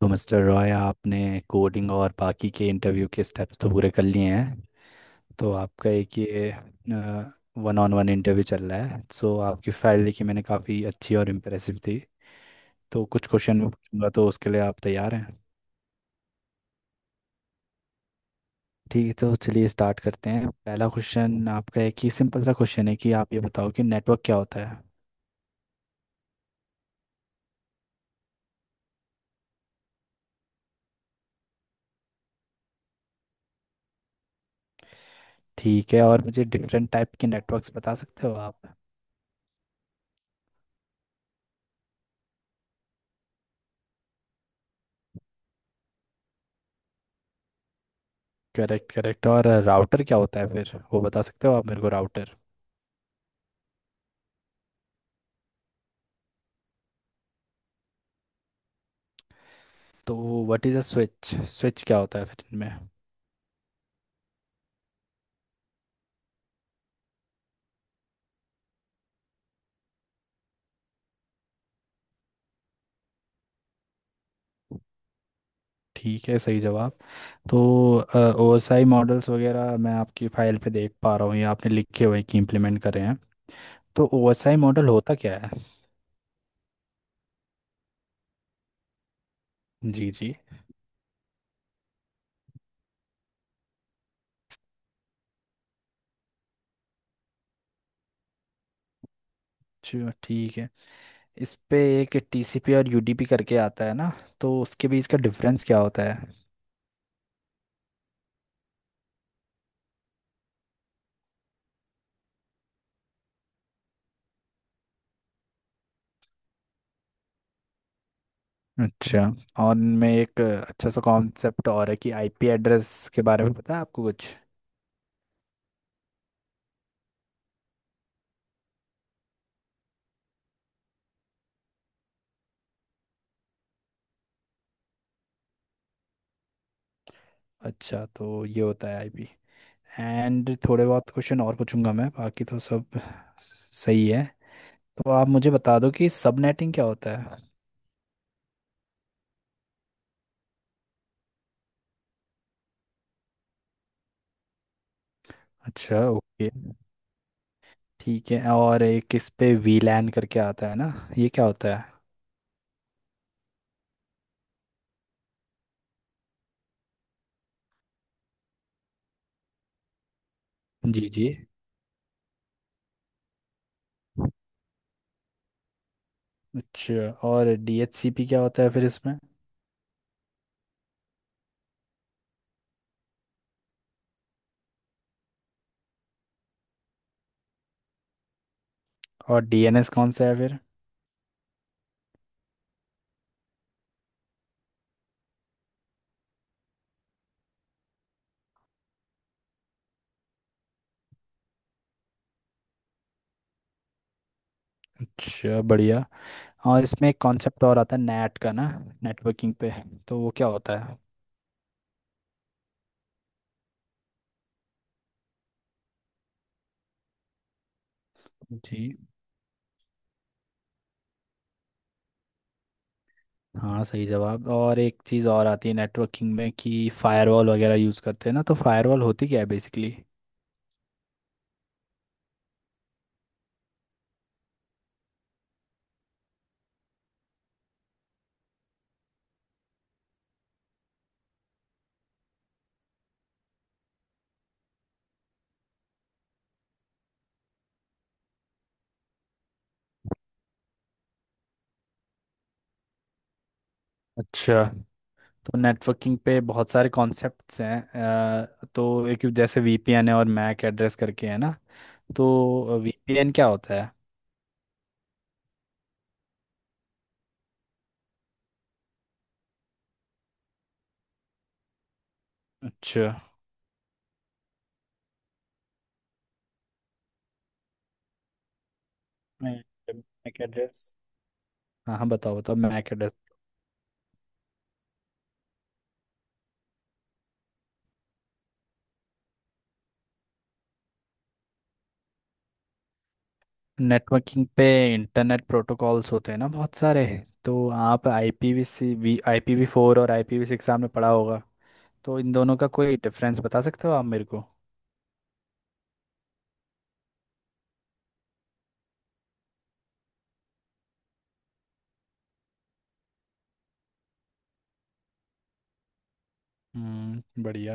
तो मिस्टर रॉय आपने कोडिंग और बाकी के इंटरव्यू के स्टेप्स तो पूरे कर लिए हैं। तो आपका एक ये वन ऑन वन इंटरव्यू चल रहा है। सो आपकी फाइल देखी मैंने, काफ़ी अच्छी और इम्प्रेसिव थी। तो कुछ क्वेश्चन मैं पूछूंगा, तो उसके लिए आप तैयार हैं? ठीक है, तो चलिए स्टार्ट करते हैं। पहला क्वेश्चन आपका है, कि सिंपल सा क्वेश्चन है कि आप ये बताओ कि नेटवर्क क्या होता है। ठीक है, और मुझे डिफरेंट टाइप के नेटवर्क्स बता सकते हो आप? Correct correct. और राउटर क्या होता है फिर, वो बता सकते हो आप मेरे को, राउटर? तो what is a switch, switch क्या होता है फिर इनमें? ठीक है, सही जवाब। तो ओएसआई मॉडल्स वगैरह मैं आपकी फाइल पे देख पा रहा हूँ, ये आपने लिखे हुए हैं कि इम्प्लीमेंट करे हैं। तो ओएसआई मॉडल होता क्या है? जी जी। चलो ठीक है। इस पे एक टीसीपी और यूडीपी करके आता है ना, तो उसके बीच का डिफरेंस क्या होता है? अच्छा। और इनमें एक अच्छा सा कॉन्सेप्ट और है, कि आईपी एड्रेस के बारे में पता है आपको कुछ? अच्छा, तो ये होता है आईपी। एंड थोड़े बहुत क्वेश्चन और पूछूंगा मैं, बाकी तो सब सही है। तो आप मुझे बता दो कि सबनेटिंग क्या होता है। अच्छा, ओके, ठीक है। और एक इस पे वीलैन करके आता है ना, ये क्या होता है? जी जी। अच्छा, और डीएचसीपी क्या होता है फिर इसमें? और डीएनएस कौन सा है फिर? अच्छा, बढ़िया। और इसमें एक कॉन्सेप्ट और आता है, नेट का ना, नेटवर्किंग पे, तो वो क्या होता है? जी, हाँ, सही जवाब। और एक चीज़ और आती है नेटवर्किंग में, कि फायरवॉल वगैरह यूज़ करते हैं ना, तो फायरवॉल होती क्या है बेसिकली? अच्छा। तो नेटवर्किंग पे बहुत सारे कॉन्सेप्ट्स हैं। तो एक जैसे वीपीएन है और मैक एड्रेस करके है ना, तो वीपीएन क्या होता है? अच्छा। मैक एड्रेस, हाँ हाँ, बताओ बताओ, मैक एड्रेस। नेटवर्किंग पे इंटरनेट प्रोटोकॉल्स होते हैं ना बहुत सारे, तो आप आईपीवी, आईपीवी फोर और आईपीवी सिक्स आपने पढ़ा होगा, तो इन दोनों का कोई डिफरेंस बता सकते हो आप मेरे को? बढ़िया।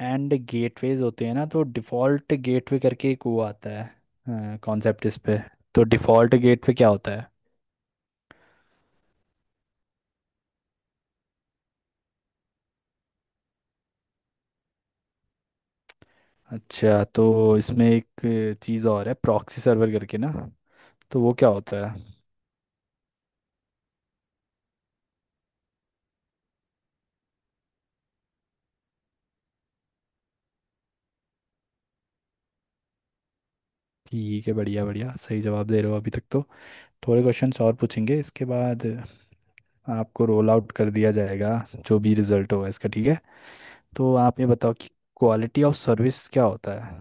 एंड गेटवेज होते हैं ना, तो डिफ़ॉल्ट गेटवे करके एक वो आता है कॉन्सेप्ट इस पे, तो डिफ़ॉल्ट गेटवे क्या होता है? अच्छा, तो इसमें एक चीज़ और है प्रॉक्सी सर्वर करके ना, तो वो क्या होता है? ठीक है, बढ़िया बढ़िया, सही जवाब दे रहे हो अभी तक तो। थोड़े क्वेश्चंस और पूछेंगे, इसके बाद आपको रोल आउट कर दिया जाएगा, जो भी रिजल्ट होगा इसका, ठीक है? तो आप ये बताओ कि क्वालिटी ऑफ सर्विस क्या होता है।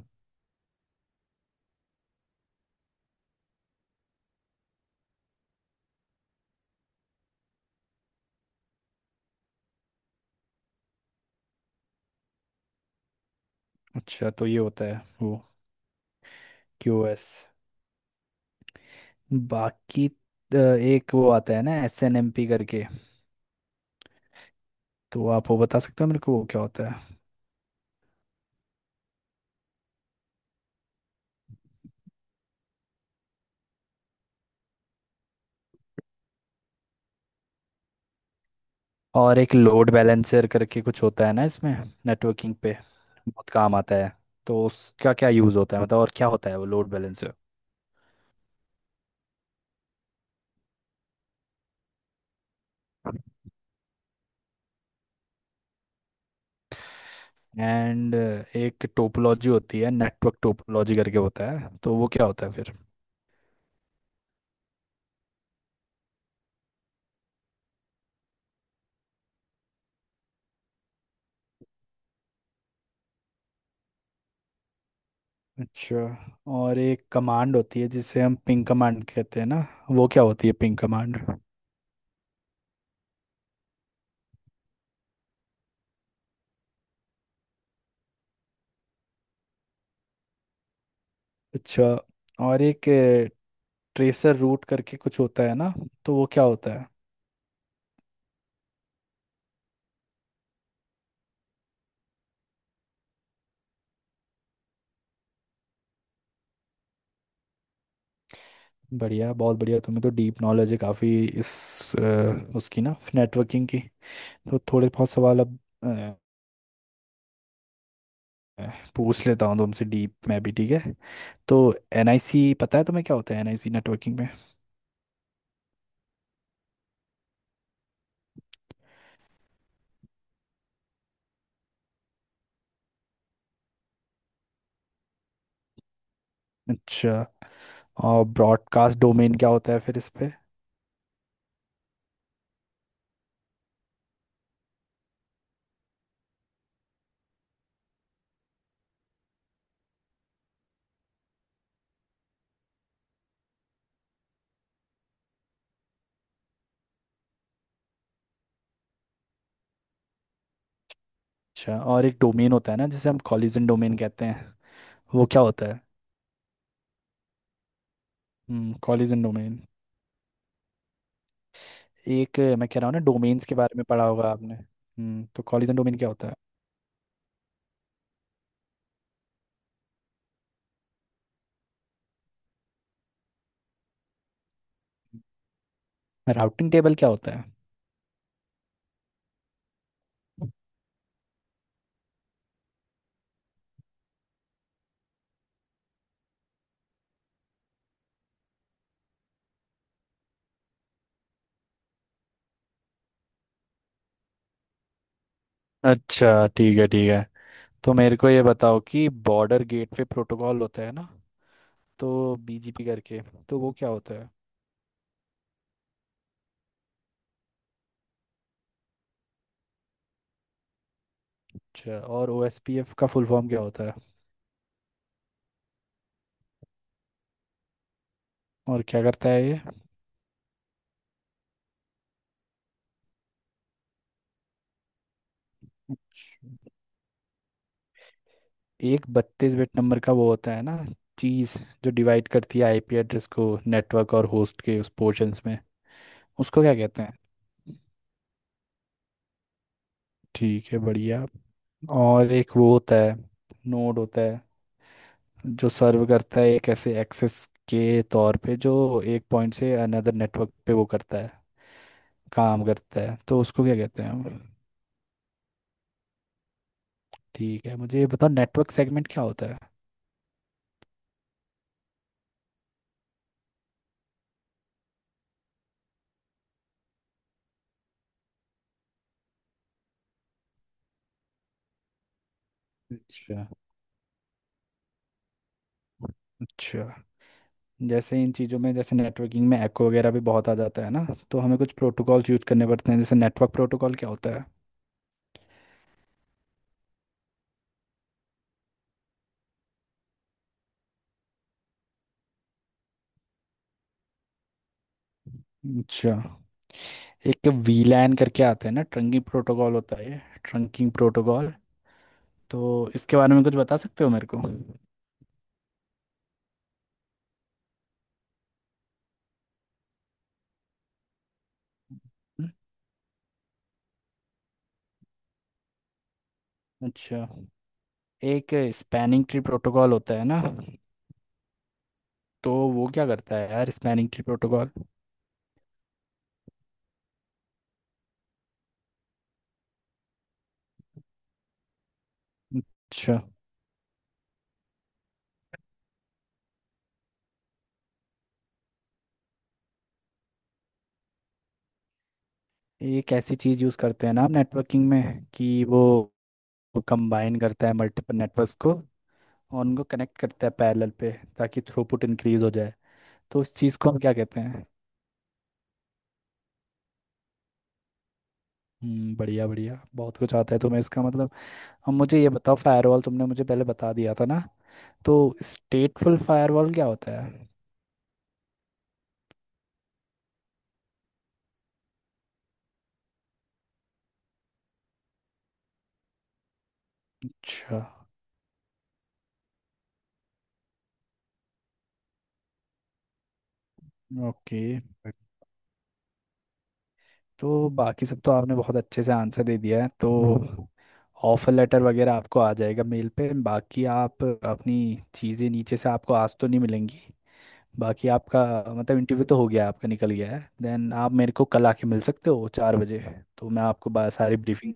अच्छा, तो ये होता है वो क्यूओएस। बाकी एक वो आता है ना एस एन एम पी करके, तो आप वो बता सकते हो मेरे को वो क्या होता है? और एक लोड बैलेंसर करके कुछ होता है ना इसमें, नेटवर्किंग पे बहुत काम आता है, तो उसका क्या यूज़ होता है, मतलब और क्या होता है वो लोड बैलेंसर? एंड एक टोपोलॉजी होती है, नेटवर्क टोपोलॉजी करके होता है, तो वो क्या होता है फिर? अच्छा, और एक कमांड होती है जिसे हम पिंग कमांड कहते हैं ना, वो क्या होती है पिंग कमांड? अच्छा, और एक ट्रेसर रूट करके कुछ होता है ना, तो वो क्या होता है? बढ़िया, बहुत बढ़िया, तुम्हें तो डीप नॉलेज है काफ़ी इस उसकी ना, नेटवर्किंग की। तो थोड़े बहुत सवाल अब अ, पूछ लेता हूँ तुमसे, डीप में भी, ठीक है? तो एनआईसी पता है तुम्हें क्या होता है एनआईसी नेटवर्किंग में? अच्छा, और ब्रॉडकास्ट डोमेन क्या होता है फिर इस पे? अच्छा, और एक डोमेन होता है ना जिसे हम कॉलिजन डोमेन कहते हैं, वो क्या होता है? कॉलिजन डोमेन, एक मैं कह रहा हूँ ना, डोमेन्स के बारे में पढ़ा होगा आपने, हम्म, तो कॉलिजन डोमेन क्या होता है? राउटिंग टेबल क्या होता है? अच्छा, ठीक है ठीक है। तो मेरे को ये बताओ कि बॉर्डर गेट पे प्रोटोकॉल होता है ना, तो बीजीपी करके, तो वो क्या होता है? अच्छा, और ओएसपीएफ का फुल फॉर्म क्या होता है? और क्या करता है? ये एक 32 बिट नंबर का वो होता है ना, चीज, जो डिवाइड करती है आईपी एड्रेस को नेटवर्क और होस्ट के उस पोर्शंस में, उसको क्या कहते हैं? ठीक है, बढ़िया। और एक वो होता है, नोड होता है जो सर्व करता है एक ऐसे एक्सेस के तौर पे, जो एक पॉइंट से अनदर नेटवर्क पे वो करता है, काम करता है, तो उसको क्या कहते हैं हम? ठीक है, मुझे ये बताओ नेटवर्क सेगमेंट क्या होता है। अच्छा, अच्छा। जैसे इन चीज़ों में, जैसे नेटवर्किंग में एको वगैरह भी बहुत आ जाता है ना, तो हमें कुछ प्रोटोकॉल्स यूज़ करने पड़ते हैं। जैसे नेटवर्क प्रोटोकॉल क्या होता है? अच्छा, एक वीलैन करके आता है ना, ट्रंकिंग प्रोटोकॉल होता है ये, ट्रंकिंग प्रोटोकॉल, तो इसके बारे में कुछ बता सकते हो मेरे को अच्छा, एक स्पैनिंग ट्री प्रोटोकॉल होता है ना, तो वो क्या करता है यार, स्पैनिंग ट्री प्रोटोकॉल? अच्छा, एक ऐसी चीज़ यूज़ करते हैं ना आप नेटवर्किंग में कि वो कंबाइन करता है मल्टीपल नेटवर्क्स को, और उनको कनेक्ट करता है पैरेलल पे, ताकि थ्रूपुट इंक्रीज हो जाए, तो उस चीज़ को हम क्या कहते हैं? बढ़िया बढ़िया, बहुत कुछ आता है तुम्हें, इसका मतलब। अब मुझे ये बताओ, फायरवॉल तुमने मुझे पहले बता दिया था ना, तो स्टेटफुल फायरवॉल क्या होता है? अच्छा, ओके, तो बाकी सब तो आपने बहुत अच्छे से आंसर दे दिया है। तो ऑफर लेटर वगैरह आपको आ जाएगा मेल पे। बाकी आप अपनी चीज़ें नीचे से आपको आज तो नहीं मिलेंगी। बाकी आपका, मतलब इंटरव्यू तो हो गया आपका, निकल गया है, देन आप मेरे को कल आके मिल सकते हो 4 बजे, तो मैं आपको सारी ब्रीफिंग।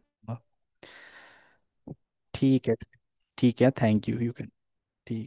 ठीक है। ठीक है, थैंक यू। You can